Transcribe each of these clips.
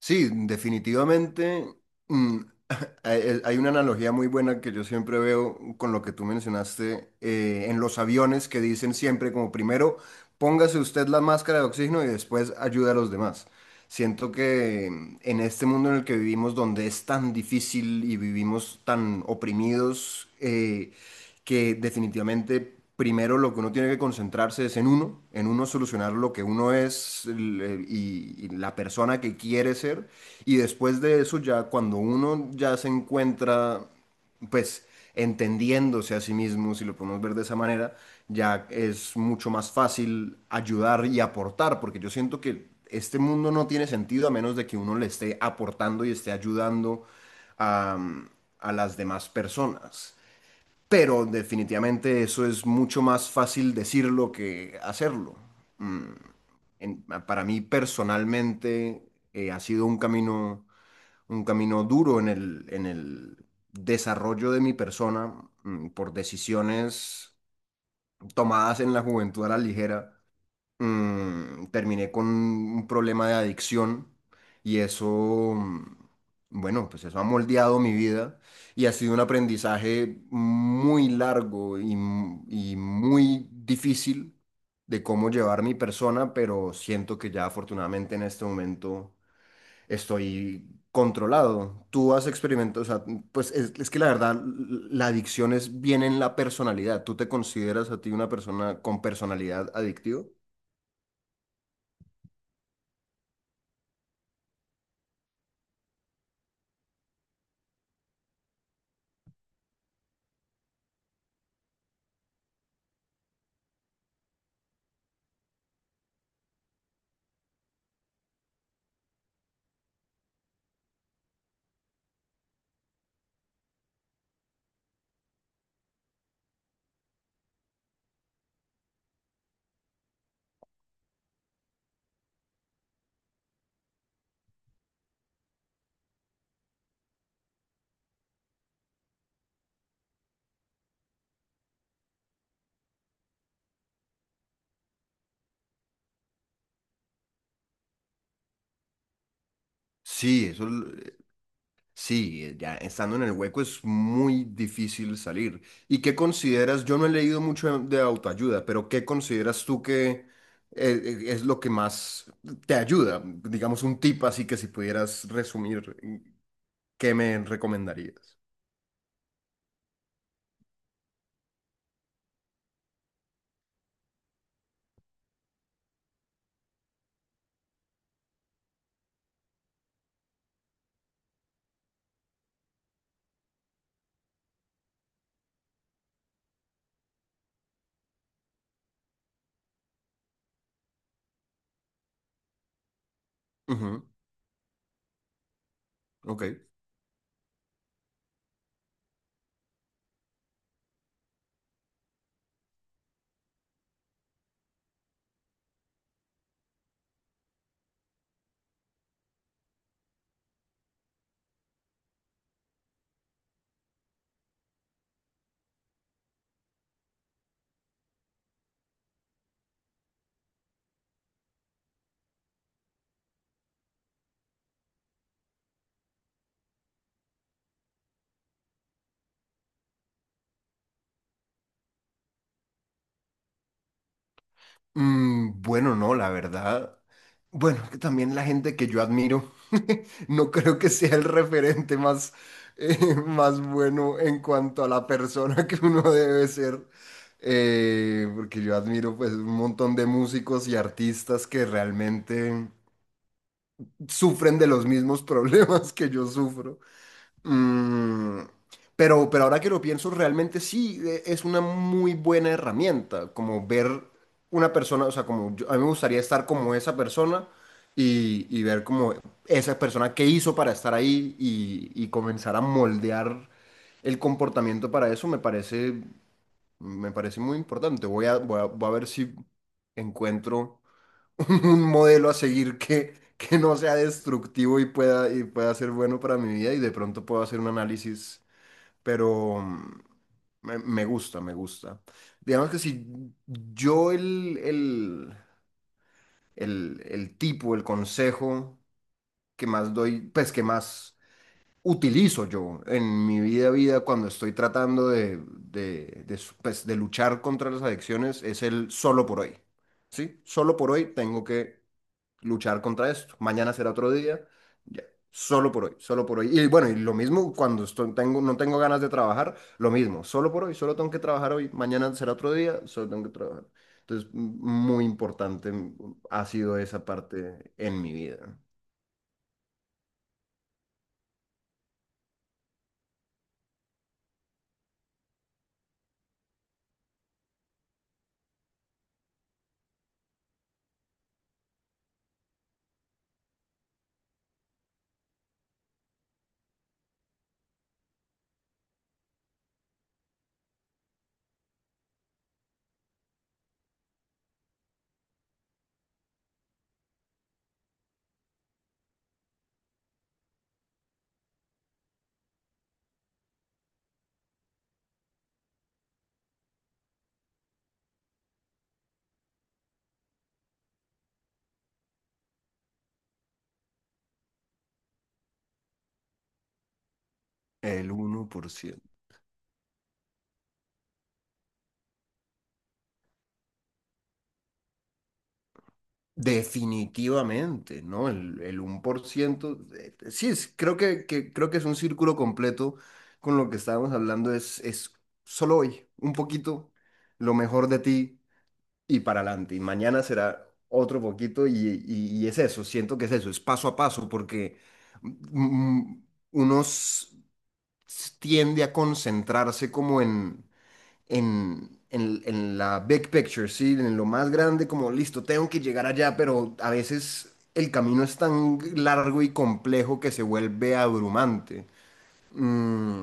Sí, definitivamente. mm, hay una analogía muy buena que yo siempre veo con lo que tú mencionaste en los aviones que dicen siempre como primero póngase usted la máscara de oxígeno y después ayude a los demás. Siento que en este mundo en el que vivimos, donde es tan difícil y vivimos tan oprimidos, que definitivamente primero lo que uno tiene que concentrarse es en uno solucionar lo que uno es la persona que quiere ser. Y después de eso, ya cuando uno ya se encuentra pues entendiéndose a sí mismo, si lo podemos ver de esa manera, ya es mucho más fácil ayudar y aportar, porque yo siento que este mundo no tiene sentido a menos de que uno le esté aportando y esté ayudando a, a las demás personas. Pero definitivamente eso es mucho más fácil decirlo que hacerlo. Mm, para mí personalmente ha sido un camino duro en el desarrollo de mi persona, por decisiones tomadas en la juventud a la ligera. Mm, terminé con un problema de adicción y eso, bueno, pues eso ha moldeado mi vida y ha sido un aprendizaje muy largo y muy difícil de cómo llevar mi persona, pero siento que ya afortunadamente en este momento estoy controlado. Tú has experimentado, o sea, pues es que la verdad, la adicción es viene en la personalidad. ¿Tú te consideras a ti una persona con personalidad adictiva? Sí, eso, sí, ya estando en el hueco es muy difícil salir. ¿Y qué consideras? Yo no he leído mucho de autoayuda, pero ¿qué consideras tú que es lo que más te ayuda? Digamos un tip así que si pudieras resumir, ¿qué me recomendarías? Ujú, ok. Mm, bueno, no, la verdad. Bueno, que también la gente que yo admiro, no creo que sea el referente más, eh, más bueno en cuanto a la persona que uno debe ser. Porque yo admiro pues un montón de músicos y artistas que realmente sufren de los mismos problemas que yo sufro. Mm, pero ahora que lo pienso, realmente sí es una muy buena herramienta, como ver una persona, o sea, a mí me gustaría estar como esa persona y ver como esa persona qué hizo para estar ahí y comenzar a moldear el comportamiento para eso me parece muy importante. Voy a ver si encuentro un modelo a seguir que no sea destructivo y pueda ser bueno para mi vida y de pronto puedo hacer un análisis, pero me gusta, me gusta. Digamos que si yo el tipo, el consejo que más doy, pues que más utilizo yo en mi vida, vida cuando estoy tratando pues, de luchar contra las adicciones es el solo por hoy. ¿Sí? Solo por hoy tengo que luchar contra esto. Mañana será otro día. Ya. Solo por hoy, solo por hoy. Y bueno, y lo mismo cuando tengo, no tengo ganas de trabajar, lo mismo, solo por hoy, solo tengo que trabajar hoy, mañana será otro día, solo tengo que trabajar. Entonces, muy importante, ha sido esa parte en mi vida. El uno por ciento. Definitivamente, ¿no? El 1%, sí, es, creo creo que es un círculo completo con lo que estábamos hablando, es solo hoy, un poquito, lo mejor de ti y para adelante, y mañana será otro poquito y, y es eso, siento que es eso, es paso a paso, porque mm, mm, uno s- tiende a concentrarse como en en la big picture, ¿sí? En lo más grande, como listo, tengo que llegar allá, pero a veces el camino es tan largo y complejo que se vuelve abrumante. Mm,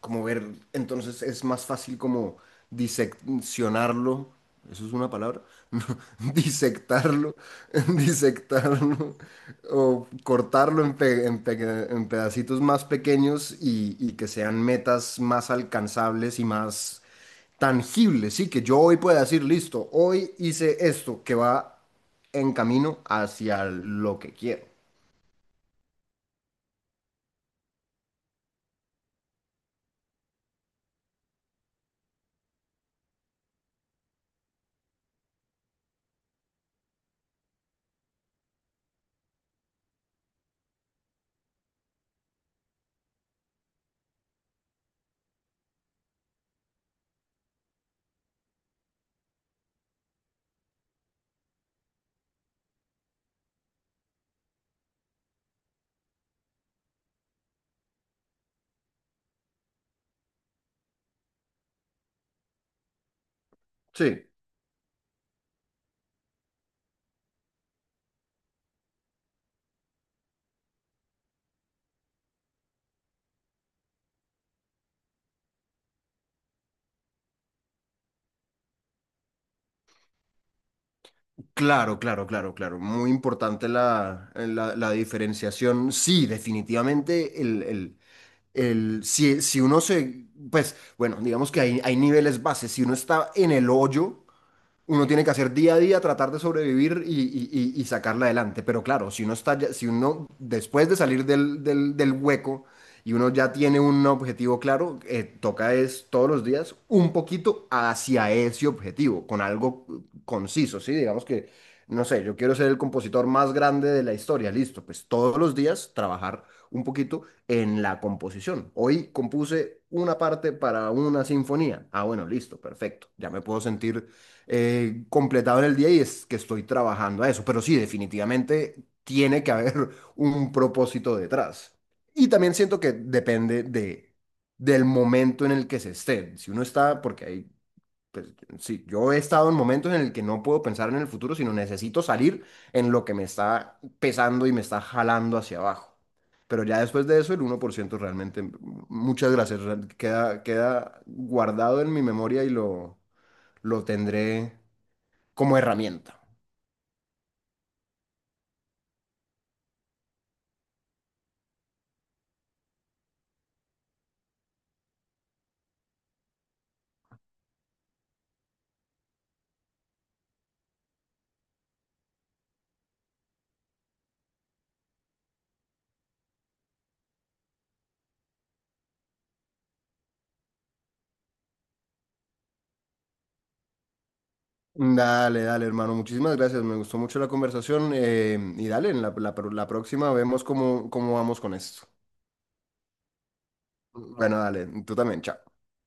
como ver, entonces es más fácil como diseccionarlo. ¿Eso es una palabra? No, disectarlo, disectarlo o cortarlo en pedacitos más pequeños y que sean metas más alcanzables y más tangible, sí, que yo hoy pueda decir, listo, hoy hice esto que va en camino hacia lo que quiero. Sí, claro, claro, claro, claro. Muy importante la diferenciación. Sí, definitivamente si, si uno se, pues, bueno, digamos que hay niveles bases. Si uno está en el hoyo, uno tiene que hacer día a día, tratar de sobrevivir y sacarla adelante. Pero claro, si uno después de salir del hueco y uno ya tiene un objetivo claro, toca es todos los días un poquito hacia ese objetivo, con algo conciso, ¿sí? Digamos que, no sé, yo quiero ser el compositor más grande de la historia, listo, pues todos los días trabajar un poquito en la composición. Hoy compuse una parte para una sinfonía. Ah, bueno, listo, perfecto. Ya me puedo sentir completado en el día y es que estoy trabajando a eso. Pero sí, definitivamente tiene que haber un propósito detrás. Y también siento que depende de, del momento en el que se esté. Si uno está, porque hay, pues, sí, yo he estado en momentos en el que no puedo pensar en el futuro, sino necesito salir en lo que me está pesando y me está jalando hacia abajo. Pero ya después de eso, el uno por ciento realmente, muchas gracias, queda guardado en mi memoria lo tendré como herramienta. Dale, dale, hermano. Muchísimas gracias. Me gustó mucho la conversación. Y dale, la próxima vemos cómo, cómo vamos con esto. Bueno, dale. Tú también. Chao.